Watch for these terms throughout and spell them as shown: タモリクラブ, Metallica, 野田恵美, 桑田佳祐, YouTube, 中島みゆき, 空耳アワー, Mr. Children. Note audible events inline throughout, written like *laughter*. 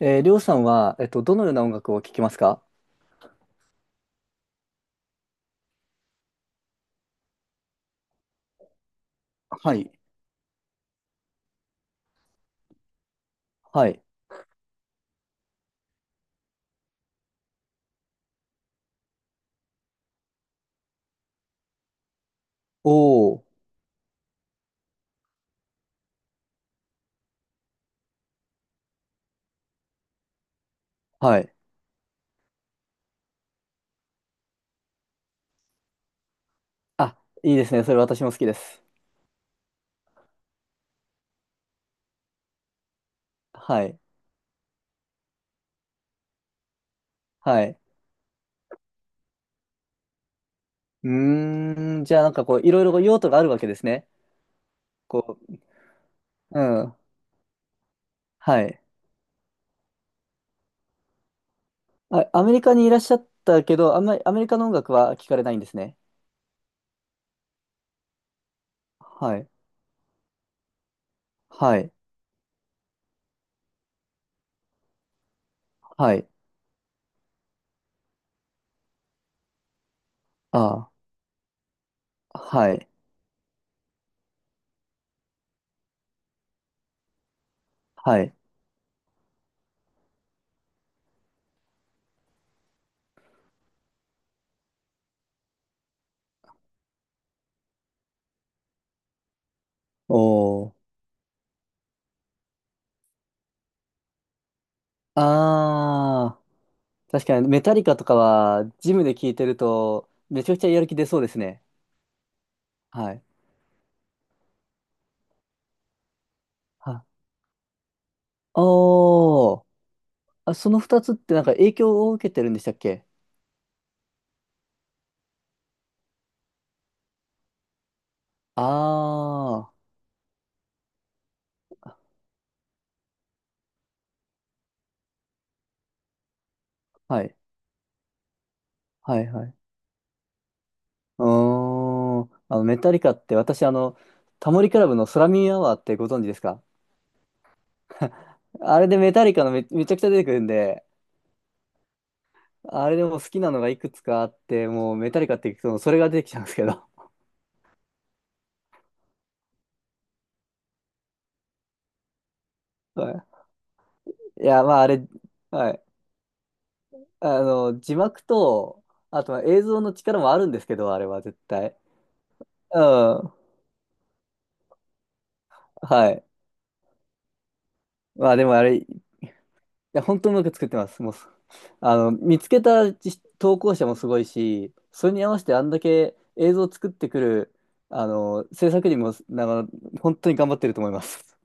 りょうさんは、どのような音楽を聴きますか？はい。はい。おー、はい。あ、いいですね。それ私も好きです。はい。はい。うーん、じゃあいろいろ用途があるわけですね。こう、うん。はい。あ、アメリカにいらっしゃったけど、あんまりアメリカの音楽は聞かれないんですね。はい。はい。はい。ああ、はい。はい。おー。あー、確かにメタリカとかは、ジムで聴いてると、めちゃくちゃやる気出そうですね。はい。ああー、あ、その二つってなんか影響を受けてるんでしたっけ？ああー、はい、はい、はい。うーん。あの、メタリカって私、あの、タモリクラブの空耳アワーってご存知ですか？ *laughs* あれでメタリカのめちゃくちゃ出てくるんで、あれでもう好きなのがいくつかあって、もうメタリカって聞くとそれが出てきちゃうんですけど。*laughs* はい。いや、まああれ、はい。あの、字幕と、あとは映像の力もあるんですけど、あれは絶対。うん。はい。まあでもあれ、や、本当にうまく作ってます。もう、あの、見つけた投稿者もすごいし、それに合わせてあんだけ映像を作ってくる、あの、制作人も、なんか、本当に頑張ってると思います。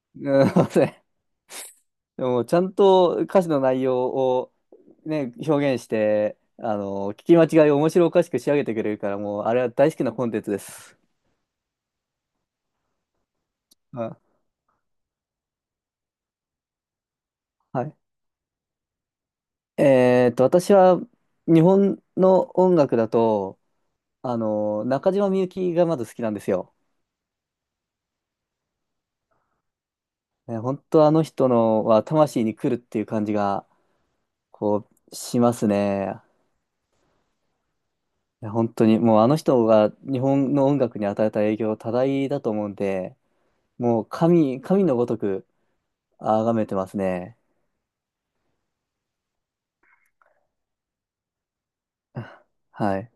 *laughs* うん、すいません。でも、ちゃんと歌詞の内容を、ね、表現して、あの、聞き間違いを面白おかしく仕上げてくれるから、もう、あれは大好きなコンテンツです。あ、はい。私は、日本の音楽だと、あの、中島みゆきがまず好きなんですよ。ね、本当あの人のは魂に来るっていう感じが、こう、しますね。いや本当に、もうあの人が日本の音楽に与えた影響は多大だと思うんで、もう神のごとく崇めてますね。*laughs* あ、はい。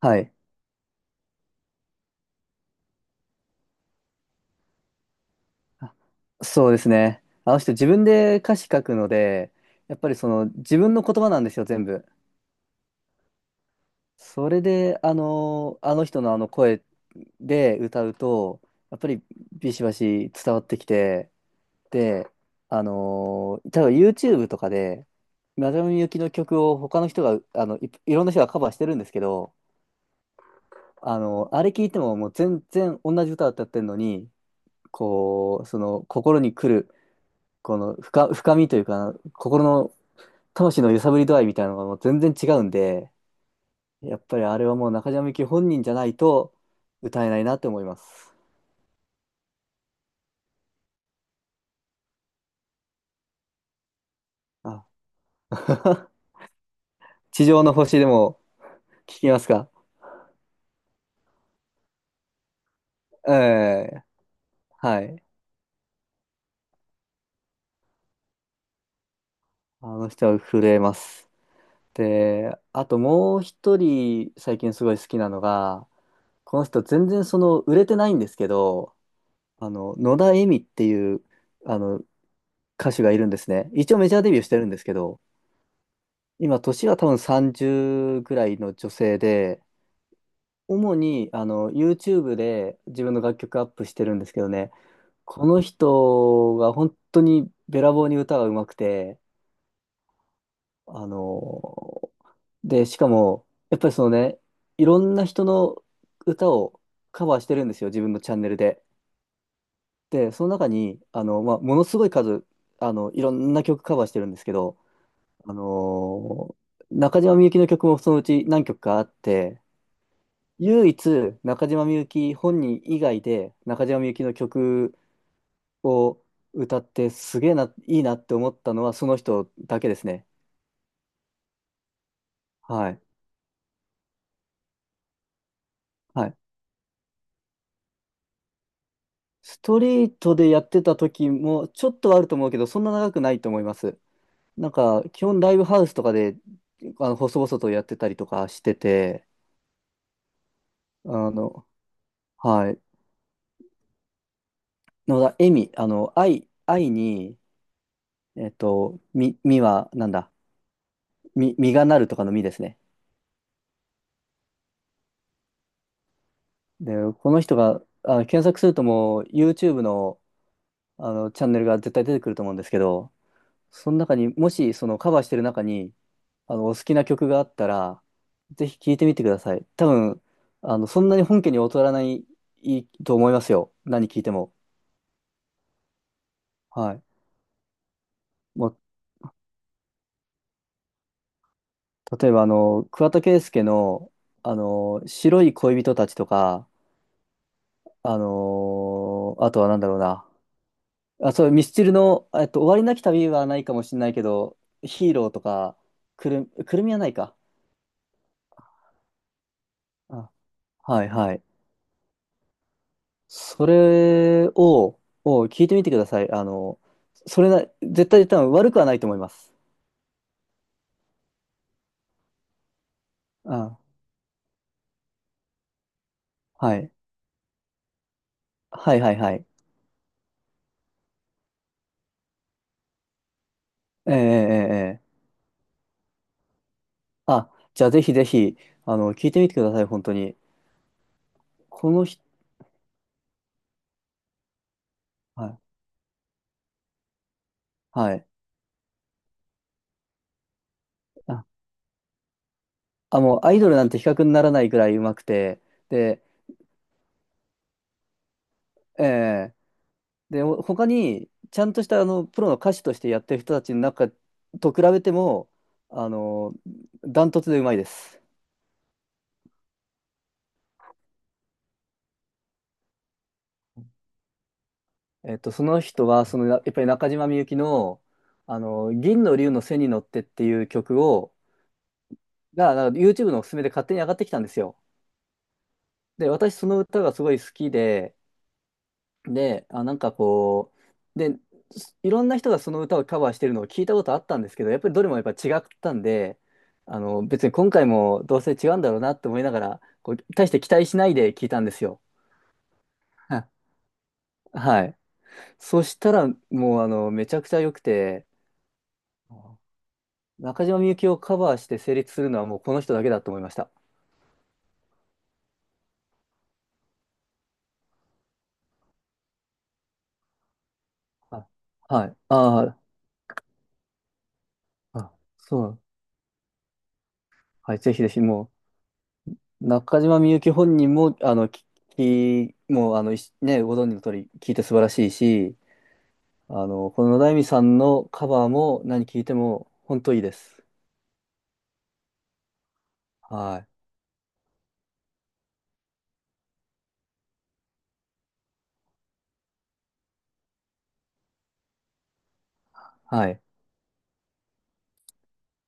はい。あ、そうですね。あの人自分で歌詞書くので、やっぱりその自分の言葉なんですよ、全部。それで、あの、あの人のあの声で歌うと、やっぱりビシバシ伝わってきて、で、例えば YouTube とかで、村上由紀の曲を他の人が、あの、いろんな人がカバーしてるんですけど、あの、あれ聞いてももう全然同じ歌を歌ってるのに、こう、その心に来る、この深みというか、心の魂の揺さぶり度合いみたいなのがもう全然違うんで、やっぱりあれはもう中島みゆき本人じゃないと歌えないなって思います。あ。 *laughs* 地上の星でも聞きますか？ええ、はい。あの人は震えます。で、あともう一人最近すごい好きなのが、この人全然その売れてないんですけど、あの、野田恵美っていうあの歌手がいるんですね。一応メジャーデビューしてるんですけど、今年は多分30ぐらいの女性で、主にあの YouTube で自分の楽曲アップしてるんですけどね、この人が本当にべらぼうに歌が上手くて、あのーで、しかも、やっぱりそのね、いろんな人の歌をカバーしてるんですよ、自分のチャンネルで。で、その中に、あの、まあ、ものすごい数、あの、いろんな曲カバーしてるんですけど、あのー中島みゆきの曲もそのうち何曲かあって、唯一中島みゆき本人以外で中島みゆきの曲を歌ってすげえな、いいなって思ったのはその人だけですね。はい。はい。ストリートでやってた時もちょっとはあると思うけど、そんな長くないと思います。なんか、基本ライブハウスとかで、あの、細々とやってたりとかしてて、あの、はい。のだ、エミ、あの、愛に、みは、なんだ、み、実がなるとかのみですね。で、この人が、あの、検索するともう、YouTube の、あの、チャンネルが絶対出てくると思うんですけど、その中に、もし、そのカバーしてる中に、あの、お好きな曲があったら、ぜひ聴いてみてください。多分、あの、そんなに本家に劣らない、いいと思いますよ。何聴いても。はい。もう、例えば、あの、桑田佳祐の、あの、白い恋人たちとか、あのあとは何だろうな。あ、そう、ミスチルの、終わりなき旅はないかもしれないけど、ヒーローとか、くる、くるみはないか。あ、はいはい。それを、を聞いてみてください。あの、それな、絶対多分悪くはないと思います。うん。はい。はいはいはい。ええええええ。あ、じゃあぜひぜひ、あの、聞いてみてください、本当に。この人、はい。はい。あ、あもうアイドルなんて比較にならないぐらい上手くて、で、ええ、で、他に、ちゃんとしたあの、プロの歌手としてやってる人たちの中と比べても、あの、ダントツで上手いです。その人は、その、やっぱり中島みゆきの、あの、銀の龍の背に乗ってっていう曲を、が、なんか YouTube のおすすめで勝手に上がってきたんですよ。で、私その歌がすごい好きで、で、あ、なんかこう、で、いろんな人がその歌をカバーしてるのを聞いたことあったんですけど、やっぱりどれもやっぱ違ったんで、あの、別に今回もどうせ違うんだろうなって思いながら、こう、大して期待しないで聞いたんですよ。は、はい。そしたら、もう、あの、めちゃくちゃ良くて、あ、中島みゆきをカバーして成立するのはもうこの人だけだと思いました。はい。はい。ああ、あ、そう。はい。ぜひぜひ、もう、中島みゆき本人も、あの、き、きもう、あの、いしね、ご存知の通り、聞いて素晴らしいし、あの、この野田恵美さんのカバーも何聞いても、本当いいです。はい。はい。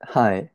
はい。